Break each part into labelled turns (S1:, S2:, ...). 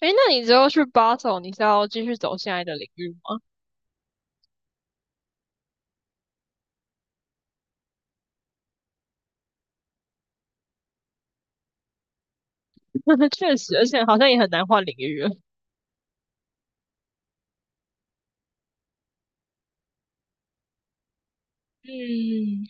S1: 诶，那你之后去 Basel，你是要继续走现在的领域吗？确实，而且好像也很难换领域了。嗯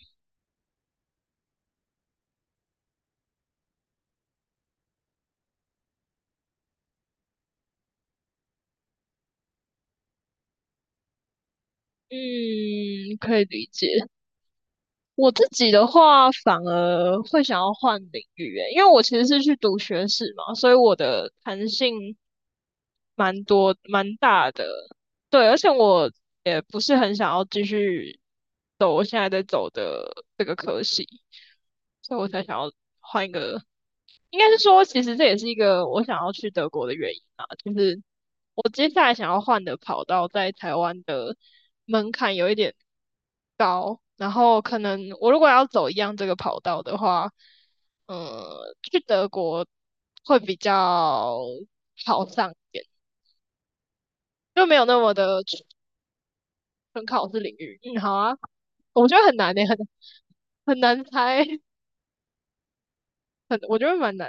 S1: 嗯，可以理解。我自己的话，反而会想要换领域，诶，因为我其实是去读学士嘛，所以我的弹性蛮多、蛮大的。对，而且我也不是很想要继续走我现在在走的这个科系，所以我才想要换一个应该是说，其实这也是一个我想要去德国的原因啊，就是我接下来想要换的跑道在台湾的门槛有一点高，然后可能我如果要走一样这个跑道的话，去德国会比较好上一点，就没有那么的纯考试领域。嗯，好啊，我觉得很难诶、很难猜，我觉得蛮难，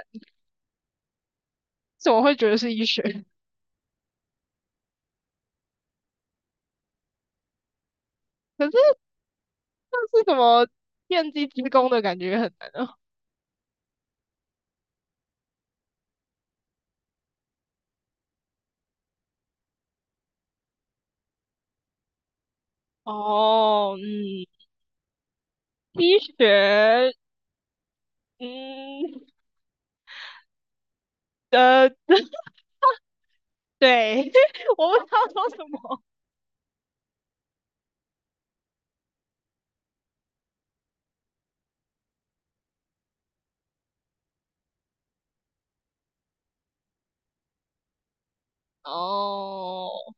S1: 怎么会觉得是医学？可是是什么电机之工的感觉很难啊。哦，嗯，医学，嗯，呃，对，我不知道说什么。哦，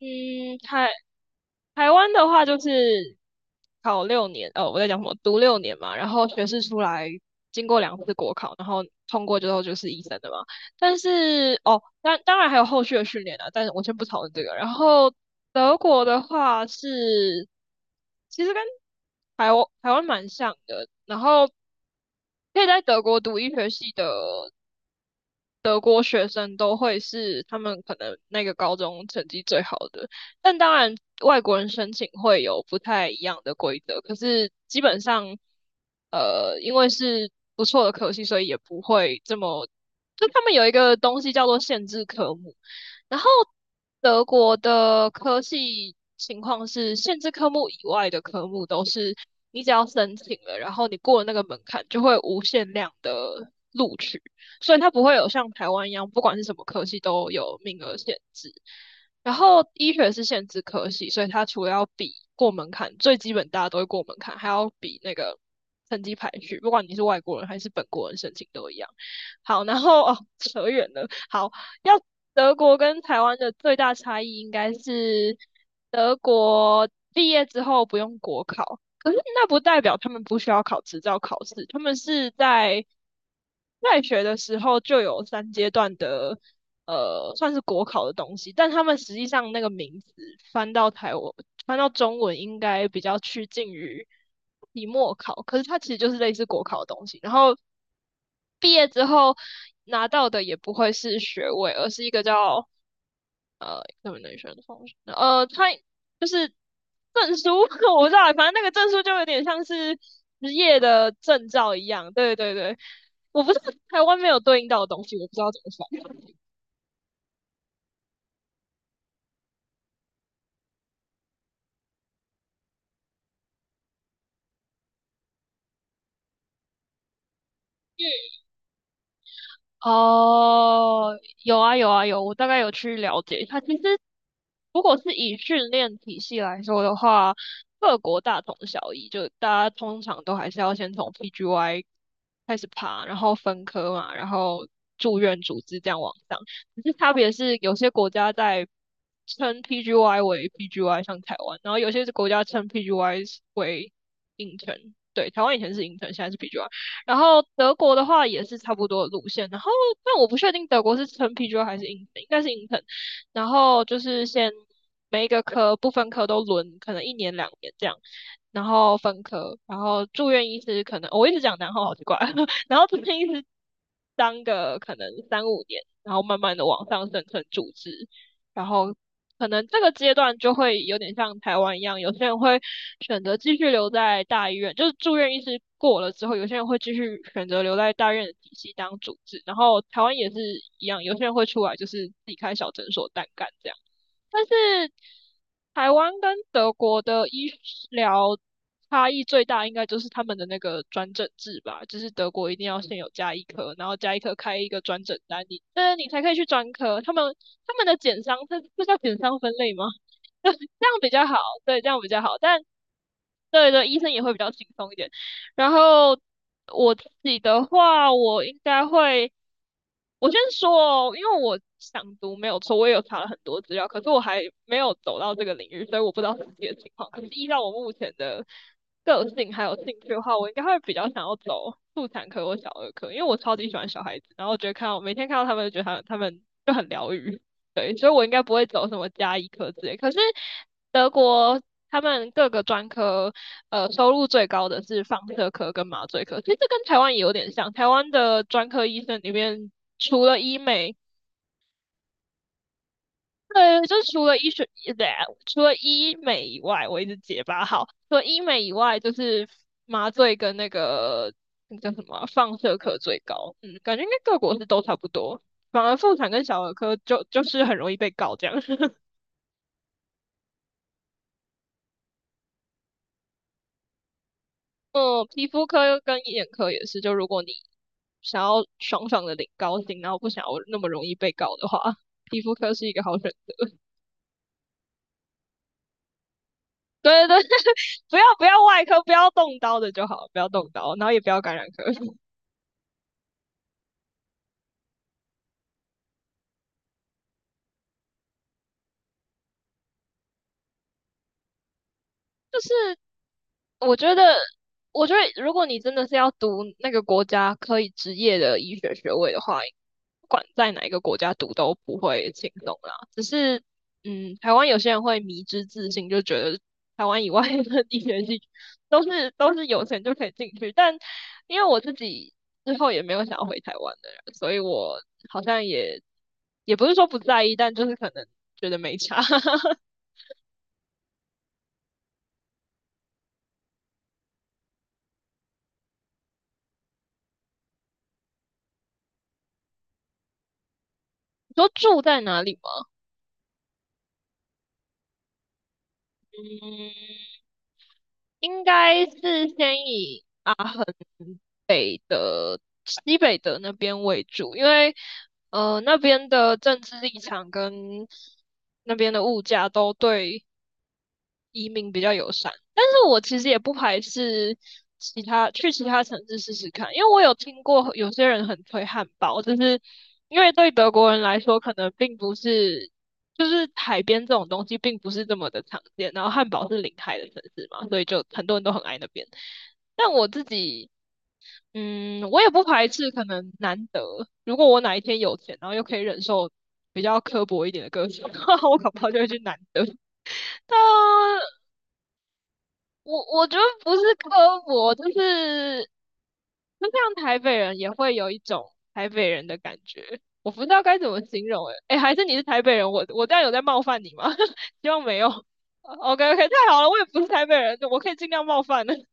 S1: 嗯，太台湾的话就是考六年，哦，我在讲什么？读六年嘛，然后学士出来，经过2次国考，然后通过之后就是医生的嘛。但是哦，当然还有后续的训练啊，但是我先不讨论这个。然后德国的话是，其实跟台湾蛮像的，然后可以在德国读医学系的德国学生都会是他们可能那个高中成绩最好的，但当然外国人申请会有不太一样的规则，可是基本上，因为是不错的科系，所以也不会这么，就他们有一个东西叫做限制科目，然后德国的科系情况是限制科目以外的科目都是你只要申请了，然后你过了那个门槛，就会无限量的录取。所以它不会有像台湾一样，不管是什么科系都有名额限制。然后医学是限制科系，所以它除了要比过门槛，最基本大家都会过门槛，还要比那个成绩排序，不管你是外国人还是本国人申请都一样。好，然后哦，扯远了。好，要德国跟台湾的最大差异应该是德国毕业之后不用国考，可是那不代表他们不需要考执照考试，他们是在学的时候就有3阶段的，算是国考的东西，但他们实际上那个名字翻到台湾，翻到中文应该比较趋近于期末考，可是它其实就是类似国考的东西。然后毕业之后拿到的也不会是学位，而是一个叫怎么能选的方式？它就是证书 我不知道，反正那个证书就有点像是职业的证照一样。对对对，我不知道台湾没有对应到的东西，我不知道怎么说。哦，有啊有啊有，我大概有去了解一下其实，如果是以训练体系来说的话，各国大同小异，就大家通常都还是要先从 PGY 开始爬，然后分科嘛，然后住院组织这样往上。只是差别是，有些国家在称 PGY 为 PGY，像台湾，然后有些是国家称 PGY 为 intern。对，台湾以前是 intern，现在是 PGY。然后德国的话也是差不多的路线，然后但我不确定德国是称啤酒还是硬腾，应该是硬腾。然后就是先每一个科不分科都轮，可能一年两年这样，然后分科，然后住院医师可能、哦我一直讲然后好奇怪，然后住院医师当个可能三五年，然后慢慢的往上升成主治，然后可能这个阶段就会有点像台湾一样，有些人会选择继续留在大医院，就是住院医师过了之后，有些人会继续选择留在大医院的体系当主治，然后台湾也是一样，有些人会出来就是自己开小诊所单干这样。但是台湾跟德国的医疗差异最大，应该就是他们的那个转诊制吧，就是德国一定要先有加医科，然后加医科开一个转诊单，你才可以去专科。他们的减伤，这叫减伤分类吗？这样比较好，对，这样比较好。但对对，医生也会比较轻松一点。然后我自己的话，我应该会。我先说哦，因为我想读没有错，我也有查了很多资料，可是我还没有走到这个领域，所以我不知道实际的情况。可是依照我目前的个性还有兴趣的话，我应该会比较想要走妇产科或小儿科，因为我超级喜欢小孩子，然后我觉得看到每天看到他们，就觉得他们就很疗愈，对，所以我应该不会走什么加医科之类。可是德国他们各个专科，收入最高的是放射科跟麻醉科。其实这跟台湾也有点像，台湾的专科医生里面除了医美，对，就是除了医学，对啊，除了医美以外，我一直结巴好。除了医美以外，就是麻醉跟那个那叫什么啊放射科最高，嗯，感觉应该各国是都差不多。反而妇产跟小儿科就是很容易被告这样。嗯，皮肤科跟眼科也是，就如果你想要爽爽的领高薪，然后不想要那么容易被告的话，皮肤科是一个好选 对对对，不要外科，不要动刀的就好，不要动刀，然后也不要感染科。就 是我觉得，我觉得如果你真的是要读那个国家可以执业的医学学位的话，不管在哪一个国家读都不会轻松啦。只是，嗯，台湾有些人会迷之自信，就觉得台湾以外的医学系 都是有钱就可以进去。但因为我自己之后也没有想要回台湾的人，所以我好像也不是说不在意，但就是可能觉得没差。你说住在哪里吗？嗯，应该是先以阿恒西北的那边为主，因为那边的政治立场跟那边的物价都对移民比较友善，但是我其实也不排斥去其他城市试试看，因为我有听过有些人很推汉堡，就是因为对德国人来说，可能并不是就是海边这种东西并不是这么的常见，然后汉堡是临海的城市嘛，所以就很多人都很爱那边。但我自己，嗯，我也不排斥可能难得，如果我哪一天有钱，然后又可以忍受。比较刻薄一点的歌手，的话，我恐怕就会去南德。但我觉得不是刻薄，就是就像台北人也会有一种台北人的感觉，我不知道该怎么形容诶、欸诶、还是你是台北人，我这样有在冒犯你吗？希望没有。OK OK，太好了，我也不是台北人，我可以尽量冒犯的。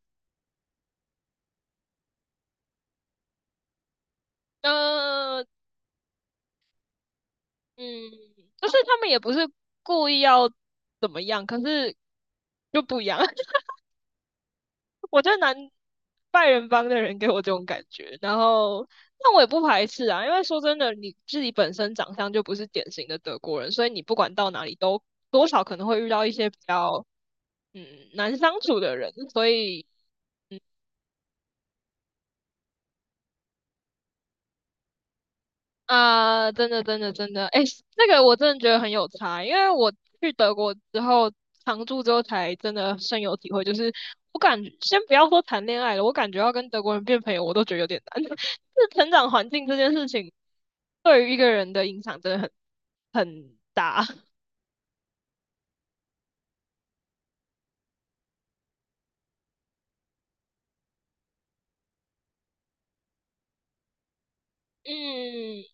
S1: 嗯、嗯，就是他们也不是故意要怎么样，可是就不一样。我觉得南拜仁帮的人给我这种感觉，然后那我也不排斥啊，因为说真的，你自己本身长相就不是典型的德国人，所以你不管到哪里都多少可能会遇到一些比较嗯难相处的人，所以啊、真的，真的，真的，哎、那个我真的觉得很有差，因为我去德国之后常住之后，才真的深有体会。就是我感觉，先不要说谈恋爱了，我感觉要跟德国人变朋友，我都觉得有点难。就是成长环境这件事情，对于一个人的影响真的很大。嗯，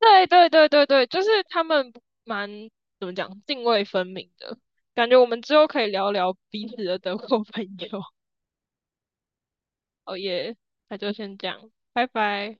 S1: 对对对对对，就是他们蛮怎么讲，泾渭分明的感觉。我们之后可以聊聊彼此的德国朋友。哦耶，那就先这样，拜拜。